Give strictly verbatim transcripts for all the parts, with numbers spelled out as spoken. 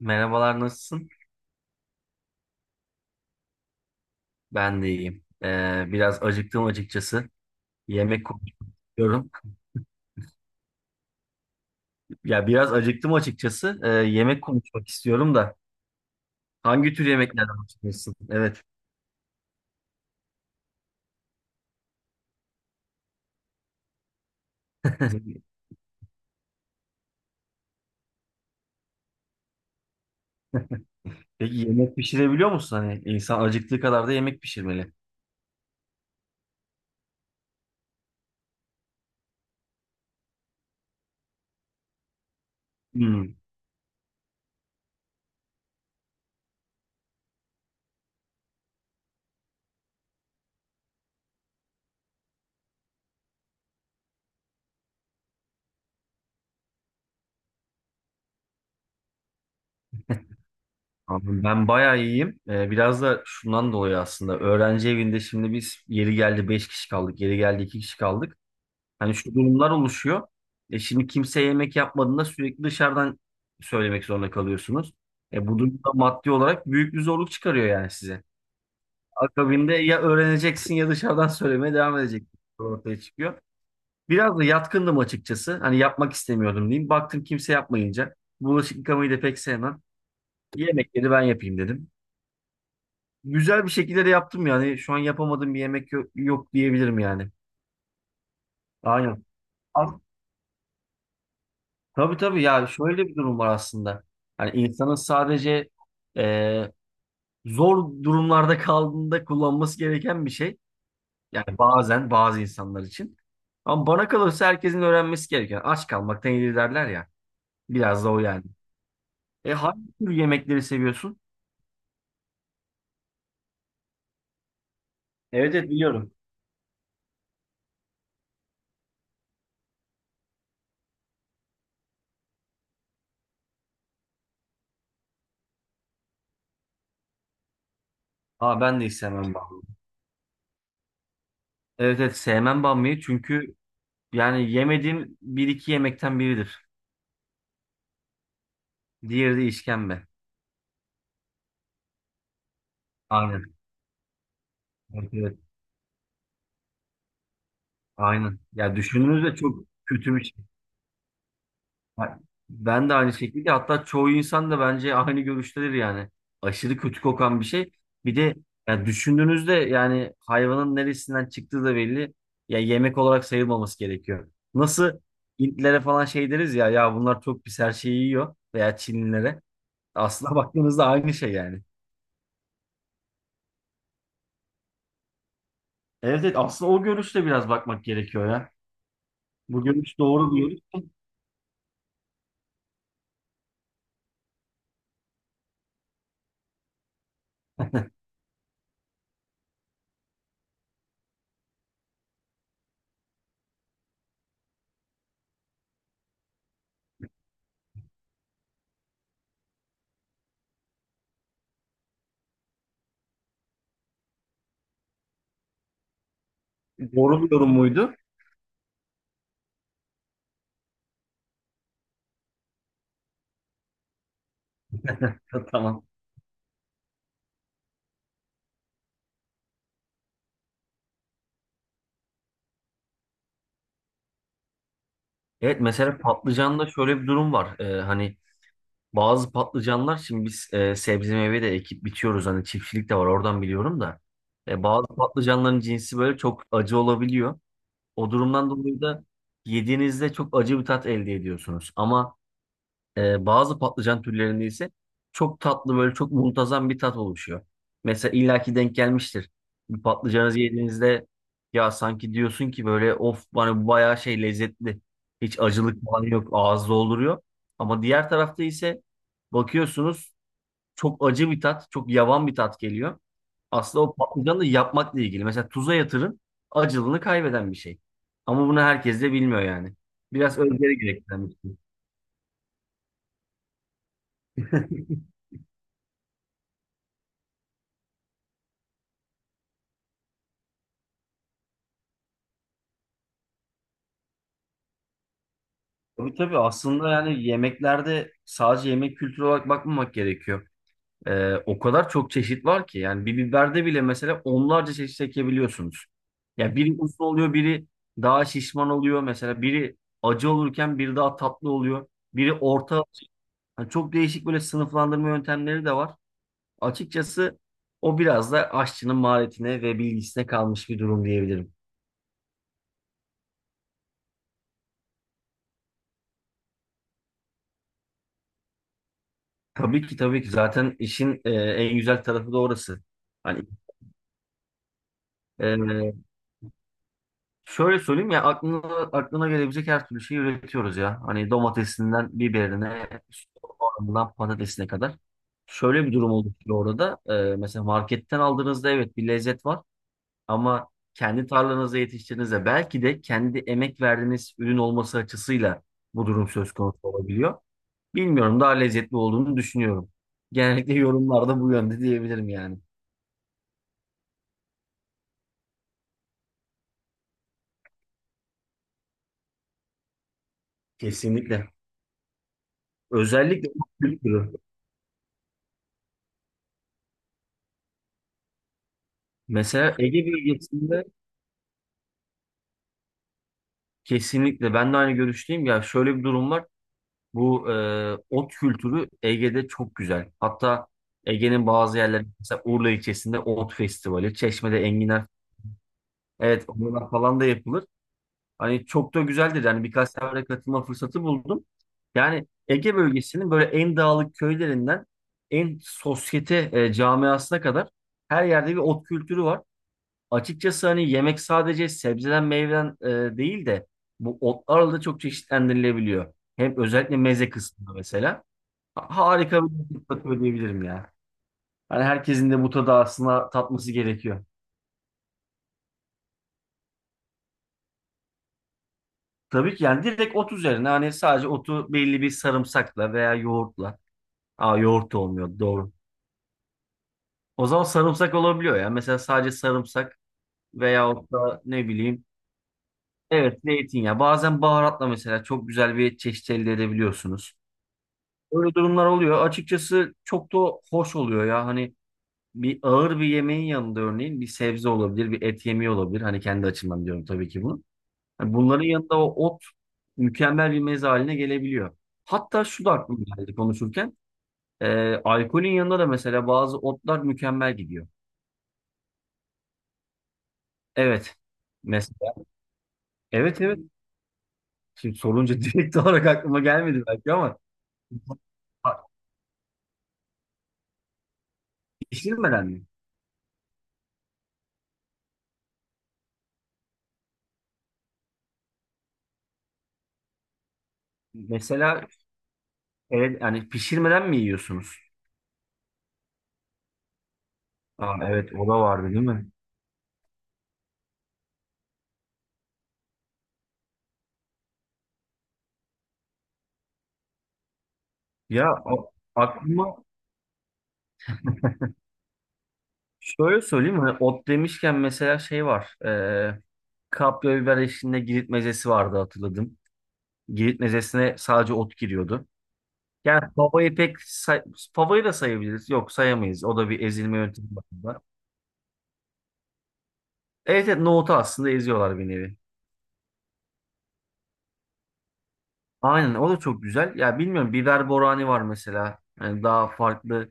Merhabalar, nasılsın? Ben de iyiyim. Ee, biraz acıktım açıkçası. Yemek konuşmak istiyorum. Ya biraz acıktım açıkçası. Ee, yemek konuşmak istiyorum da. Hangi tür yemeklerden hoşlanırsın? Evet. Peki yemek pişirebiliyor musun? Hani insan acıktığı kadar da yemek pişirmeli. Hmm. Abi ben bayağı iyiyim. Ee, biraz da şundan dolayı aslında. Öğrenci evinde şimdi biz yeri geldi beş kişi kaldık. Yeri geldi iki kişi kaldık. Hani şu durumlar oluşuyor. E şimdi kimse yemek yapmadığında sürekli dışarıdan söylemek zorunda kalıyorsunuz. E bu durumda maddi olarak büyük bir zorluk çıkarıyor yani size. Akabinde ya öğreneceksin ya dışarıdan söylemeye devam edeceksin. Ortaya çıkıyor. Biraz da yatkındım açıkçası. Hani yapmak istemiyordum diyeyim. Baktım kimse yapmayınca. Bulaşık yıkamayı da pek sevmem. Yemekleri ben yapayım dedim. Güzel bir şekilde de yaptım yani. Şu an yapamadığım bir yemek yok, yok diyebilirim yani. Aynen. Tabii tabii ya şöyle bir durum var aslında. Hani insanın sadece e, zor durumlarda kaldığında kullanması gereken bir şey. Yani bazen bazı insanlar için. Ama bana kalırsa herkesin öğrenmesi gereken. Aç kalmaktan iyidir derler ya. Biraz da o yani. E hangi tür yemekleri seviyorsun? Evet, evet biliyorum. Aa, ben de hiç sevmem bamya. Evet, evet sevmem bamyayı çünkü yani yemediğim bir iki yemekten biridir. Diğeri de işkembe. Aynen. Evet, evet. Aynen. Ya düşündüğünüzde çok kötü bir şey. Ha, ben de aynı şekilde, hatta çoğu insan da bence aynı görüştedir yani. Aşırı kötü kokan bir şey. Bir de ya düşündüğünüzde yani hayvanın neresinden çıktığı da belli. Ya yemek olarak sayılmaması gerekiyor. Nasıl Hintlilere falan şey deriz ya, ya bunlar çok pis her şeyi yiyor veya Çinlilere. Aslına baktığınızda aynı şey yani. Evet, evet aslında o görüşle biraz bakmak gerekiyor ya. Bu görüş doğru bir doğru bir yorum muydu? Tamam. Evet mesela patlıcanda şöyle bir durum var. Ee, hani bazı patlıcanlar, şimdi biz e, sebze meyve de ekip bitiyoruz, hani çiftçilik de var oradan biliyorum da. E, bazı patlıcanların cinsi böyle çok acı olabiliyor. O durumdan dolayı da yediğinizde çok acı bir tat elde ediyorsunuz. Ama ee, bazı patlıcan türlerinde ise çok tatlı, böyle çok muntazam bir tat oluşuyor. Mesela illaki denk gelmiştir. Bir patlıcanı yediğinizde ya sanki diyorsun ki böyle of bana bu bayağı şey lezzetli. Hiç acılık falan yok, ağız dolduruyor. Ama diğer tarafta ise bakıyorsunuz çok acı bir tat, çok yavan bir tat geliyor. Aslında o patlıcanı da yapmakla ilgili. Mesela tuza yatırın, acılığını kaybeden bir şey. Ama bunu herkes de bilmiyor yani. Biraz özveri gerektiren bir şey. Tabii tabii, aslında yani yemeklerde sadece yemek kültürü olarak bakmamak gerekiyor. Ee, o kadar çok çeşit var ki yani bir biberde bile mesela onlarca çeşit ekebiliyorsunuz. Ya biri uzun oluyor, biri daha şişman oluyor, mesela biri acı olurken biri daha tatlı oluyor. Biri orta, yani çok değişik böyle sınıflandırma yöntemleri de var. Açıkçası o biraz da aşçının maharetine ve bilgisine kalmış bir durum diyebilirim. Tabii ki, tabii ki zaten işin e, en güzel tarafı da orası. Hani ee, şöyle söyleyeyim, ya aklına, aklına gelebilecek her türlü şeyi üretiyoruz ya. Hani domatesinden biberine, soğanından patatesine kadar. Şöyle bir durum oluşuyor orada. Ee, mesela marketten aldığınızda evet bir lezzet var ama kendi tarlanızda yetiştirdiğinizde belki de kendi emek verdiğiniz ürün olması açısıyla bu durum söz konusu olabiliyor. Bilmiyorum, daha lezzetli olduğunu düşünüyorum. Genellikle yorumlarda bu yönde diyebilirim yani. Kesinlikle. Özellikle bu kültürü. Mesela Ege bölgesinde. Kesinlikle ben de aynı görüşteyim. Ya şöyle bir durum var. Bu e, ot kültürü Ege'de çok güzel. Hatta Ege'nin bazı yerleri, mesela Urla ilçesinde ot festivali, Çeşme'de enginar, evet onlar falan da yapılır. Hani çok da güzeldir. Yani birkaç sefere katılma fırsatı buldum. Yani Ege bölgesinin böyle en dağlık köylerinden en sosyete e, camiasına kadar her yerde bir ot kültürü var. Açıkçası hani yemek sadece sebzeden meyveden e, değil de bu otlarla da çok çeşitlendirilebiliyor. Hem özellikle meze kısmında mesela. Ha- Harika bir lezzet katıyor diyebilirim ya. Hani herkesin de bu tadı aslında tatması gerekiyor. Tabii ki yani direkt ot üzerine, hani sadece otu belli bir sarımsakla veya yoğurtla. Aa, yoğurt da olmuyor doğru. O zaman sarımsak olabiliyor ya. Mesela sadece sarımsak veyahut da ne bileyim. Evet zeytinyağı. Bazen baharatla mesela çok güzel bir çeşit elde edebiliyorsunuz. Böyle durumlar oluyor. Açıkçası çok da hoş oluyor ya. Hani bir ağır bir yemeğin yanında örneğin bir sebze olabilir, bir et yemeği olabilir. Hani kendi açımdan diyorum tabii ki bunu. Hani bunların yanında o ot mükemmel bir meze haline gelebiliyor. Hatta şu da aklıma geldi konuşurken. Ee, alkolün yanında da mesela bazı otlar mükemmel gidiyor. Evet. Mesela. Evet, evet. Şimdi sorunca direkt olarak aklıma gelmedi belki ama ha, pişirmeden mi? Mesela evet, yani pişirmeden mi yiyorsunuz? Aa, evet o da vardı değil mi? Ya o- aklıma şöyle söyleyeyim mi? Ot demişken mesela şey var. E, kapya biber eşliğinde Girit mezesi vardı, hatırladım. Girit mezesine sadece ot giriyordu. Yani favayı pek say- favayı da sayabiliriz. Yok, sayamayız. O da bir ezilme yöntemi var. Evet, evet nohutu aslında eziyorlar bir nevi. Aynen o da çok güzel. Ya bilmiyorum biber borani var mesela. Yani daha farklı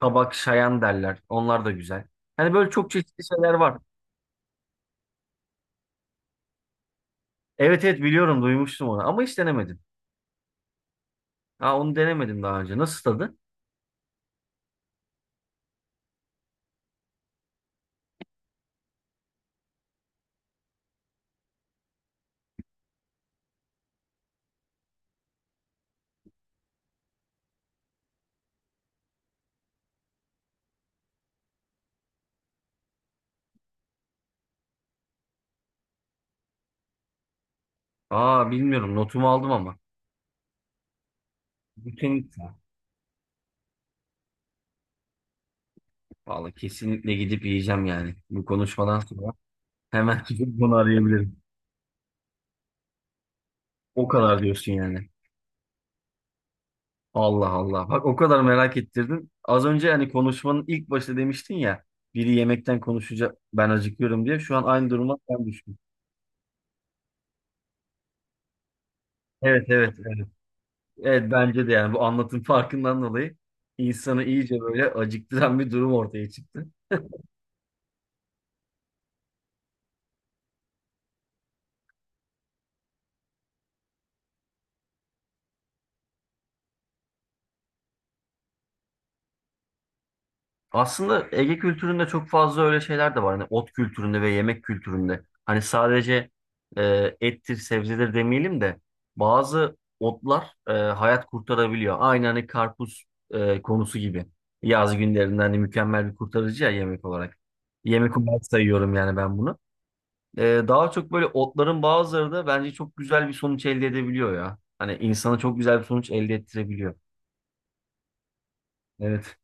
tabak şayan derler. Onlar da güzel. Hani böyle çok çeşitli şeyler var. Evet, evet biliyorum, duymuştum onu ama hiç denemedim. Ha, onu denemedim daha önce. Nasıl tadı? Aa, bilmiyorum notumu aldım ama. Kesinlikle. Vallahi kesinlikle gidip yiyeceğim yani. Bu konuşmadan sonra hemen gidip bunu arayabilirim. O kadar diyorsun yani. Allah Allah. Bak, o kadar merak ettirdin. Az önce hani konuşmanın ilk başta demiştin ya. Biri yemekten konuşacak ben acıkıyorum diye. Şu an aynı duruma ben düştüm. Evet, evet, evet. Evet bence de yani bu anlatım farkından dolayı insanı iyice böyle acıktıran bir durum ortaya çıktı. Aslında Ege kültüründe çok fazla öyle şeyler de var. Hani ot kültüründe ve yemek kültüründe. Hani sadece e, ettir, sebzedir demeyelim de bazı otlar e, hayat kurtarabiliyor. Aynı hani karpuz e, konusu gibi. Yaz günlerinde hani mükemmel bir kurtarıcı ya, yemek olarak. Yemek olarak sayıyorum yani ben bunu. E, Daha çok böyle otların bazıları da bence çok güzel bir sonuç elde edebiliyor ya. Hani insana çok güzel bir sonuç elde ettirebiliyor. Evet.